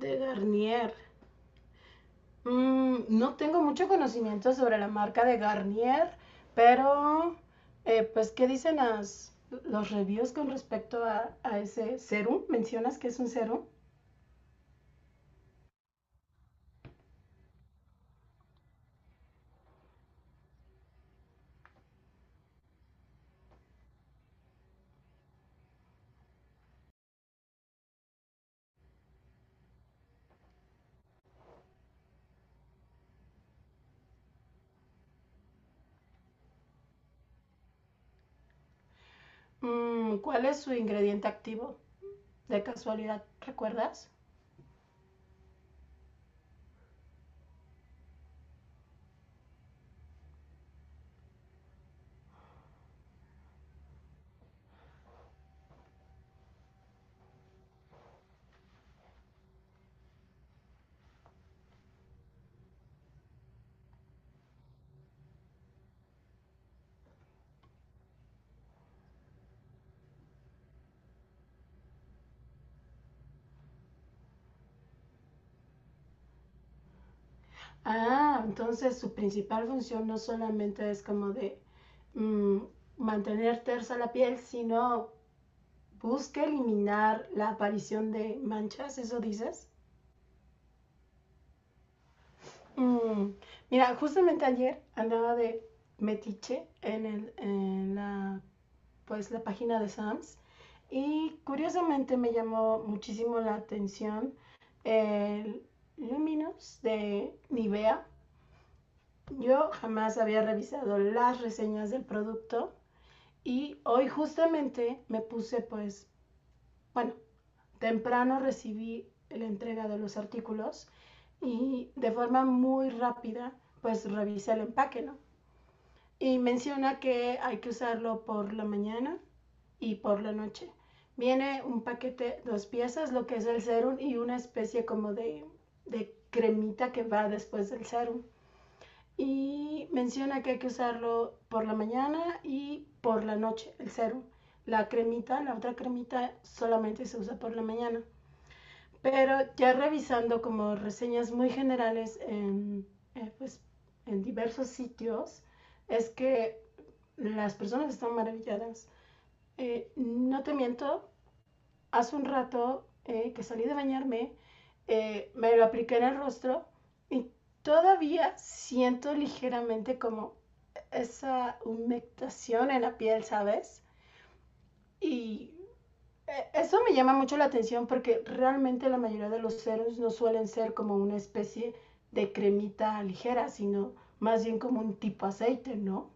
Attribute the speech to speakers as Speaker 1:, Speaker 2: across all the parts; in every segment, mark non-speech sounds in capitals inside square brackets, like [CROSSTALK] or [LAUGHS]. Speaker 1: De Garnier. No tengo mucho conocimiento sobre la marca de Garnier, pero pues, ¿qué dicen los reviews con respecto a, ese serum? ¿Mencionas que es un serum? ¿Cuál es su ingrediente activo? De casualidad, ¿recuerdas? Ah, entonces su principal función no solamente es como de mm, mantener tersa la piel, sino busca eliminar la aparición de manchas, ¿eso dices? Mm, Mira, justamente ayer andaba de metiche en, el, en la, pues, la página de Sam's y curiosamente me llamó muchísimo la atención el Luminous de Nivea. Yo jamás había revisado las reseñas del producto y hoy justamente me puse pues, bueno, temprano recibí la entrega de los artículos y de forma muy rápida pues revisé el empaque, ¿no? Y menciona que hay que usarlo por la mañana y por la noche. Viene un paquete, dos piezas, lo que es el serum y una especie como de cremita que va después del serum. Y menciona que hay que usarlo por la mañana y por la noche, el serum. La cremita, la otra cremita solamente se usa por la mañana. Pero ya revisando como reseñas muy generales pues, en diversos sitios, es que las personas están maravilladas. No te miento, hace un rato que salí de bañarme, me lo apliqué en el rostro y todavía siento ligeramente como esa humectación en la piel, ¿sabes? Y eso me llama mucho la atención porque realmente la mayoría de los serums no suelen ser como una especie de cremita ligera, sino más bien como un tipo aceite, ¿no?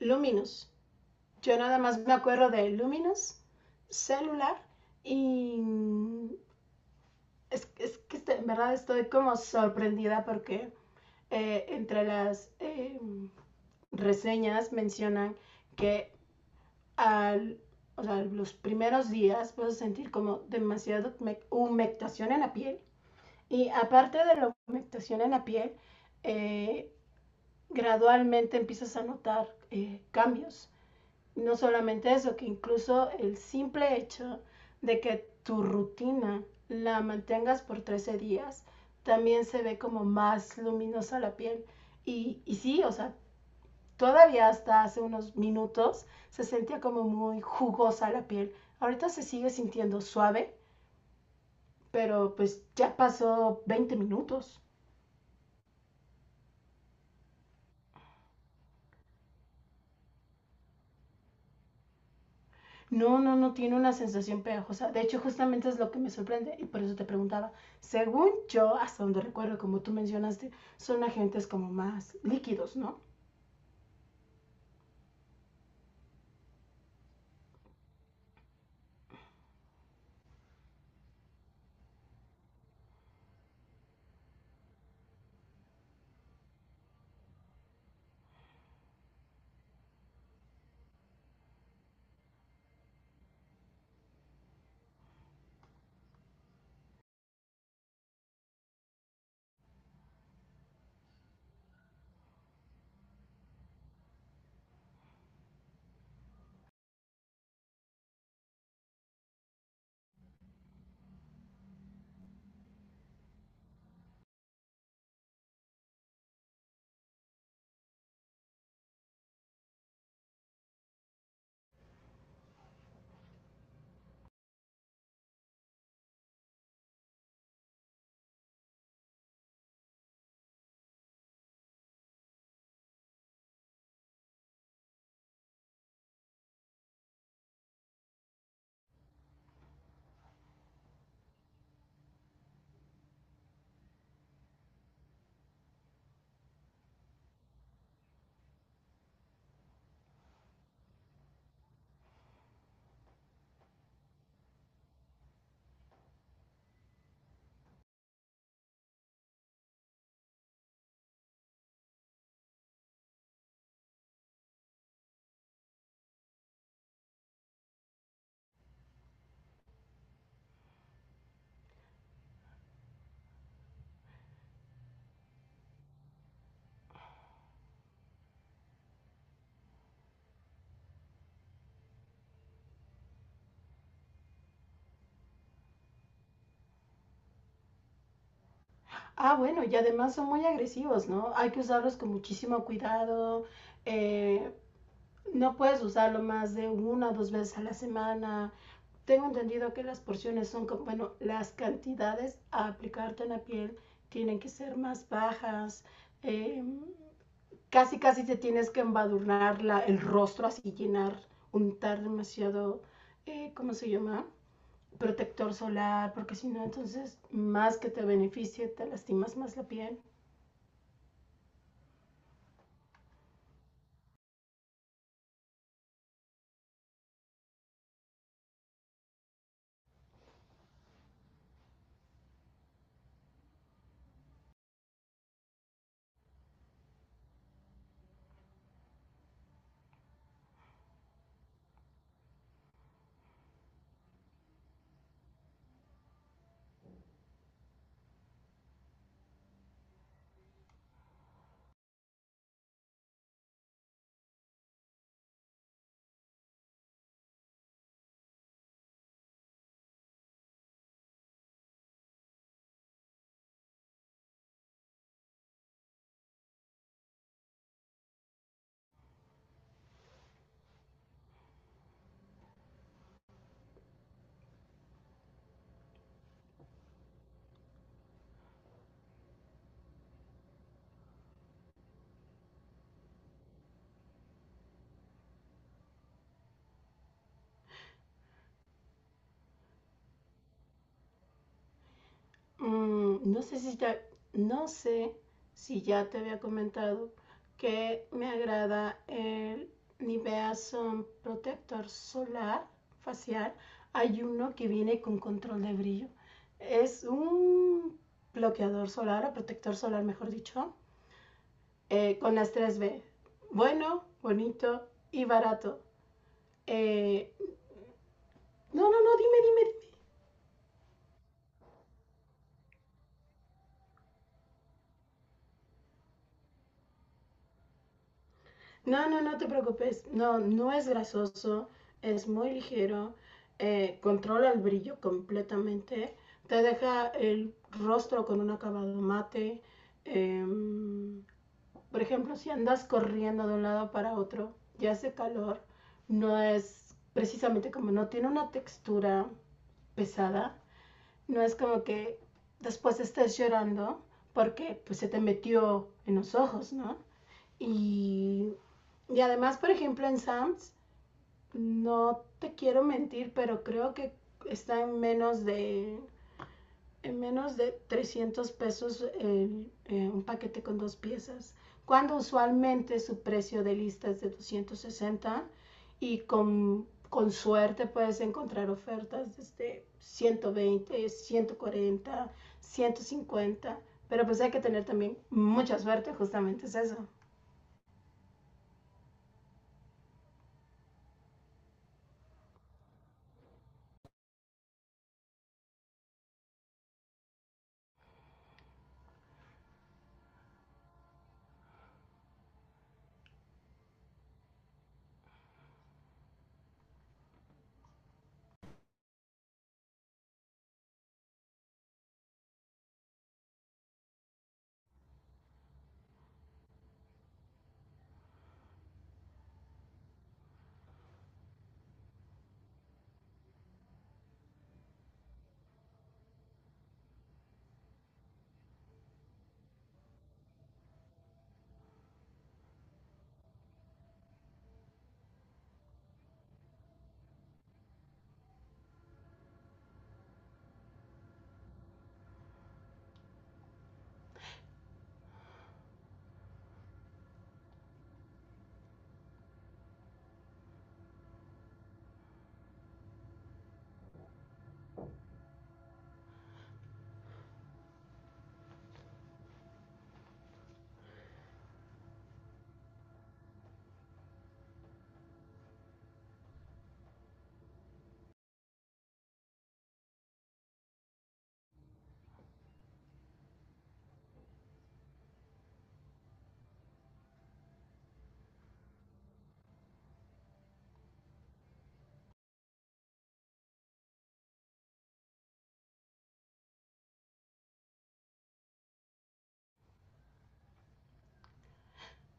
Speaker 1: Luminous. Yo nada más me acuerdo de Luminous, celular y es que este, en verdad estoy como sorprendida porque entre las reseñas mencionan que al, o sea, los primeros días vas a sentir como demasiada humectación en la piel. Y aparte de la humectación en la piel, eh, gradualmente empiezas a notar cambios. No solamente eso, que incluso el simple hecho de que tu rutina la mantengas por 13 días, también se ve como más luminosa la piel. Y sí, o sea, todavía hasta hace unos minutos se sentía como muy jugosa la piel. Ahorita se sigue sintiendo suave, pero pues ya pasó 20 minutos. No, no, no tiene una sensación pegajosa. De hecho, justamente es lo que me sorprende y por eso te preguntaba. Según yo, hasta donde recuerdo, como tú mencionaste, son agentes como más líquidos, ¿no? Ah, bueno, y además son muy agresivos, ¿no? Hay que usarlos con muchísimo cuidado. Eh, no puedes usarlo más de una o dos veces a la semana. Tengo entendido que las porciones son, bueno, las cantidades a aplicarte en la piel tienen que ser más bajas. eh, Casi, casi te tienes que embadurnar el rostro, así llenar, untar demasiado, ¿cómo se llama? Protector solar, porque si no, entonces más que te beneficie, te lastimas más la piel. Mm, no sé si ya, no sé si ya te había comentado que me agrada el Nivea Sun Protector Solar Facial. Hay uno que viene con control de brillo. Es un bloqueador solar o protector solar, mejor dicho, con las tres b. Bueno, bonito y barato. Eh, no, no, no, dime, dime, dime. No, no, no te preocupes. No, no es grasoso, es muy ligero, controla el brillo completamente, te deja el rostro con un acabado mate. em, por ejemplo, si andas corriendo de un lado para otro y hace calor, no es precisamente como no tiene una textura pesada, no es como que después estés llorando porque pues se te metió en los ojos, ¿no? Y, y además, por ejemplo, en Sam's, no te quiero mentir, pero creo que está en menos de 300 pesos un paquete con dos piezas, cuando usualmente su precio de lista es de 260 y con suerte puedes encontrar ofertas desde 120, 140, 150, pero pues hay que tener también mucha suerte, justamente es eso.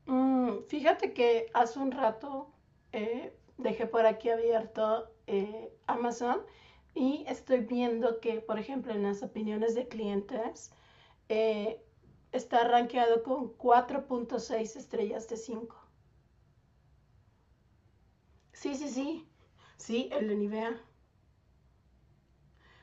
Speaker 1: Fíjate que hace un rato dejé por aquí abierto Amazon y estoy viendo que, por ejemplo, en las opiniones de clientes eh, está rankeado con 4.6 estrellas de 5. Sí, sí, sí. Sí, el de Nivea.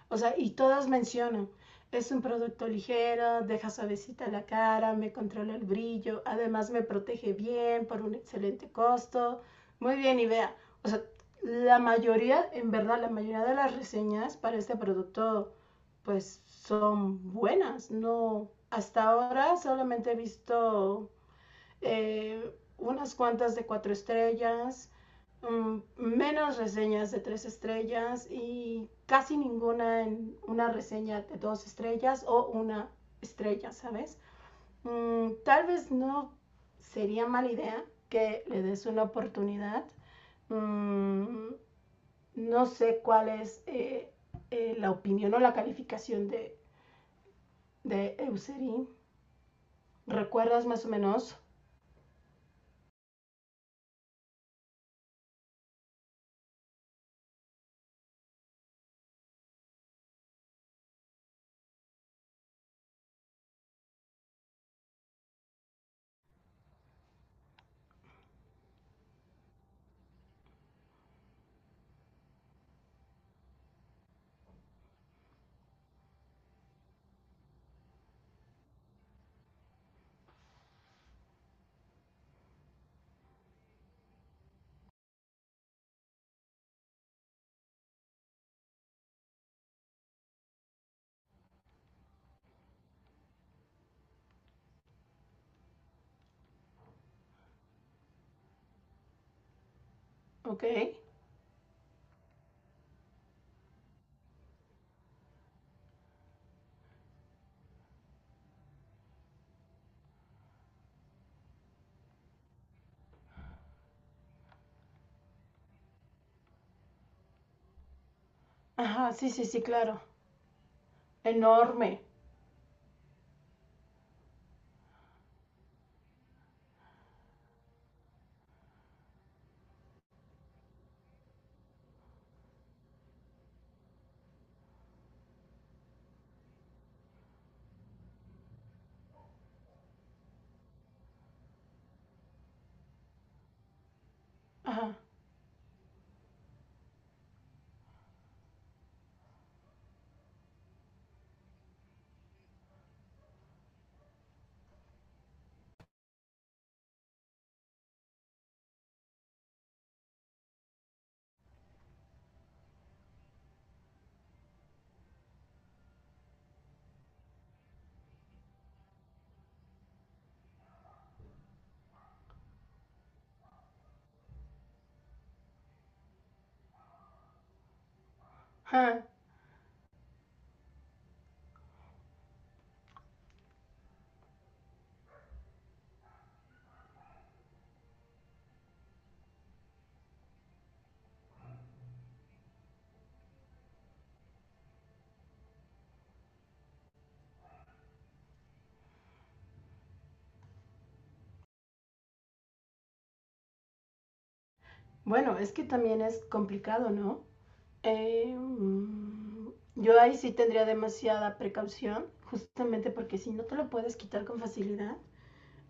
Speaker 1: O sea, y todas mencionan, es un producto ligero, deja suavecita la cara, me controla el brillo, además me protege bien por un excelente costo. Muy bien, y vea, o sea, la mayoría, en verdad, la mayoría de las reseñas para este producto, pues son buenas. No, hasta ahora solamente he visto eh, unas cuantas de cuatro estrellas, menos reseñas de tres estrellas y casi ninguna en una reseña de dos estrellas o una estrella, ¿sabes? Tal vez no sería mala idea que le des una oportunidad. Um, no sé cuál es la opinión o la calificación de Eucerin. ¿Recuerdas más o menos? Ok. Ajá, sí, sí, sí, claro. Enorme. Ajá. Ajá. Bueno, es que también es complicado, ¿no? Eh, mm, yo ahí sí tendría demasiada precaución, justamente porque si no te lo puedes quitar con facilidad,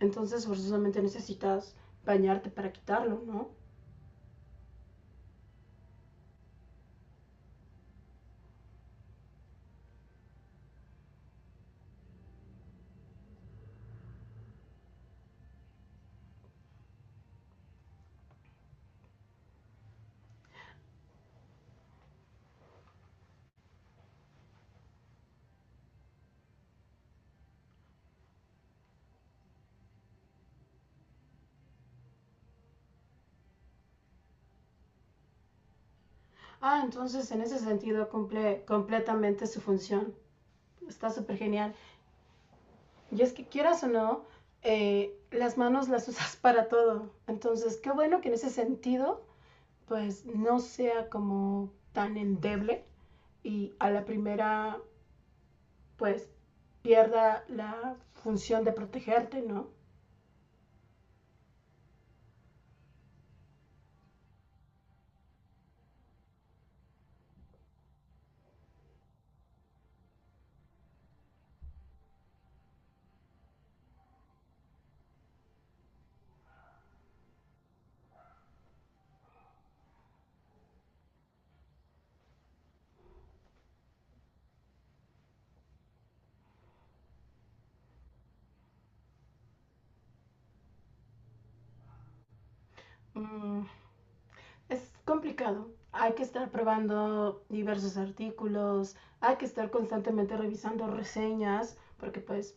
Speaker 1: entonces forzosamente necesitas bañarte para quitarlo, ¿no? Ah, entonces en ese sentido cumple completamente su función. Está súper genial. Y es que quieras o no, las manos las [LAUGHS] usas para todo. Entonces, qué bueno que en ese sentido pues no sea como tan endeble y a la primera pues pierda la función de protegerte, ¿no? Mm, es complicado. Hay que estar probando diversos artículos, hay que estar constantemente revisando reseñas, porque pues,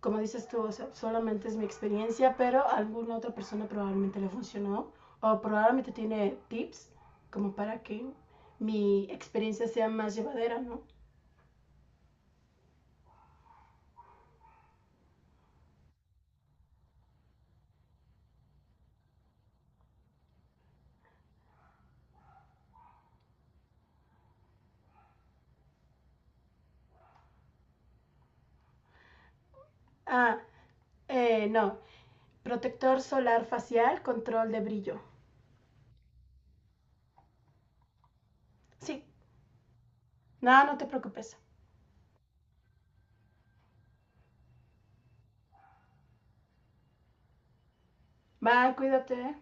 Speaker 1: como dices tú, o sea, solamente es mi experiencia, pero a alguna otra persona probablemente le funcionó o probablemente tiene tips como para que mi experiencia sea más llevadera, ¿no? Ah, no. Protector solar facial, control de brillo. Sí. No, no te preocupes. Bye, cuídate.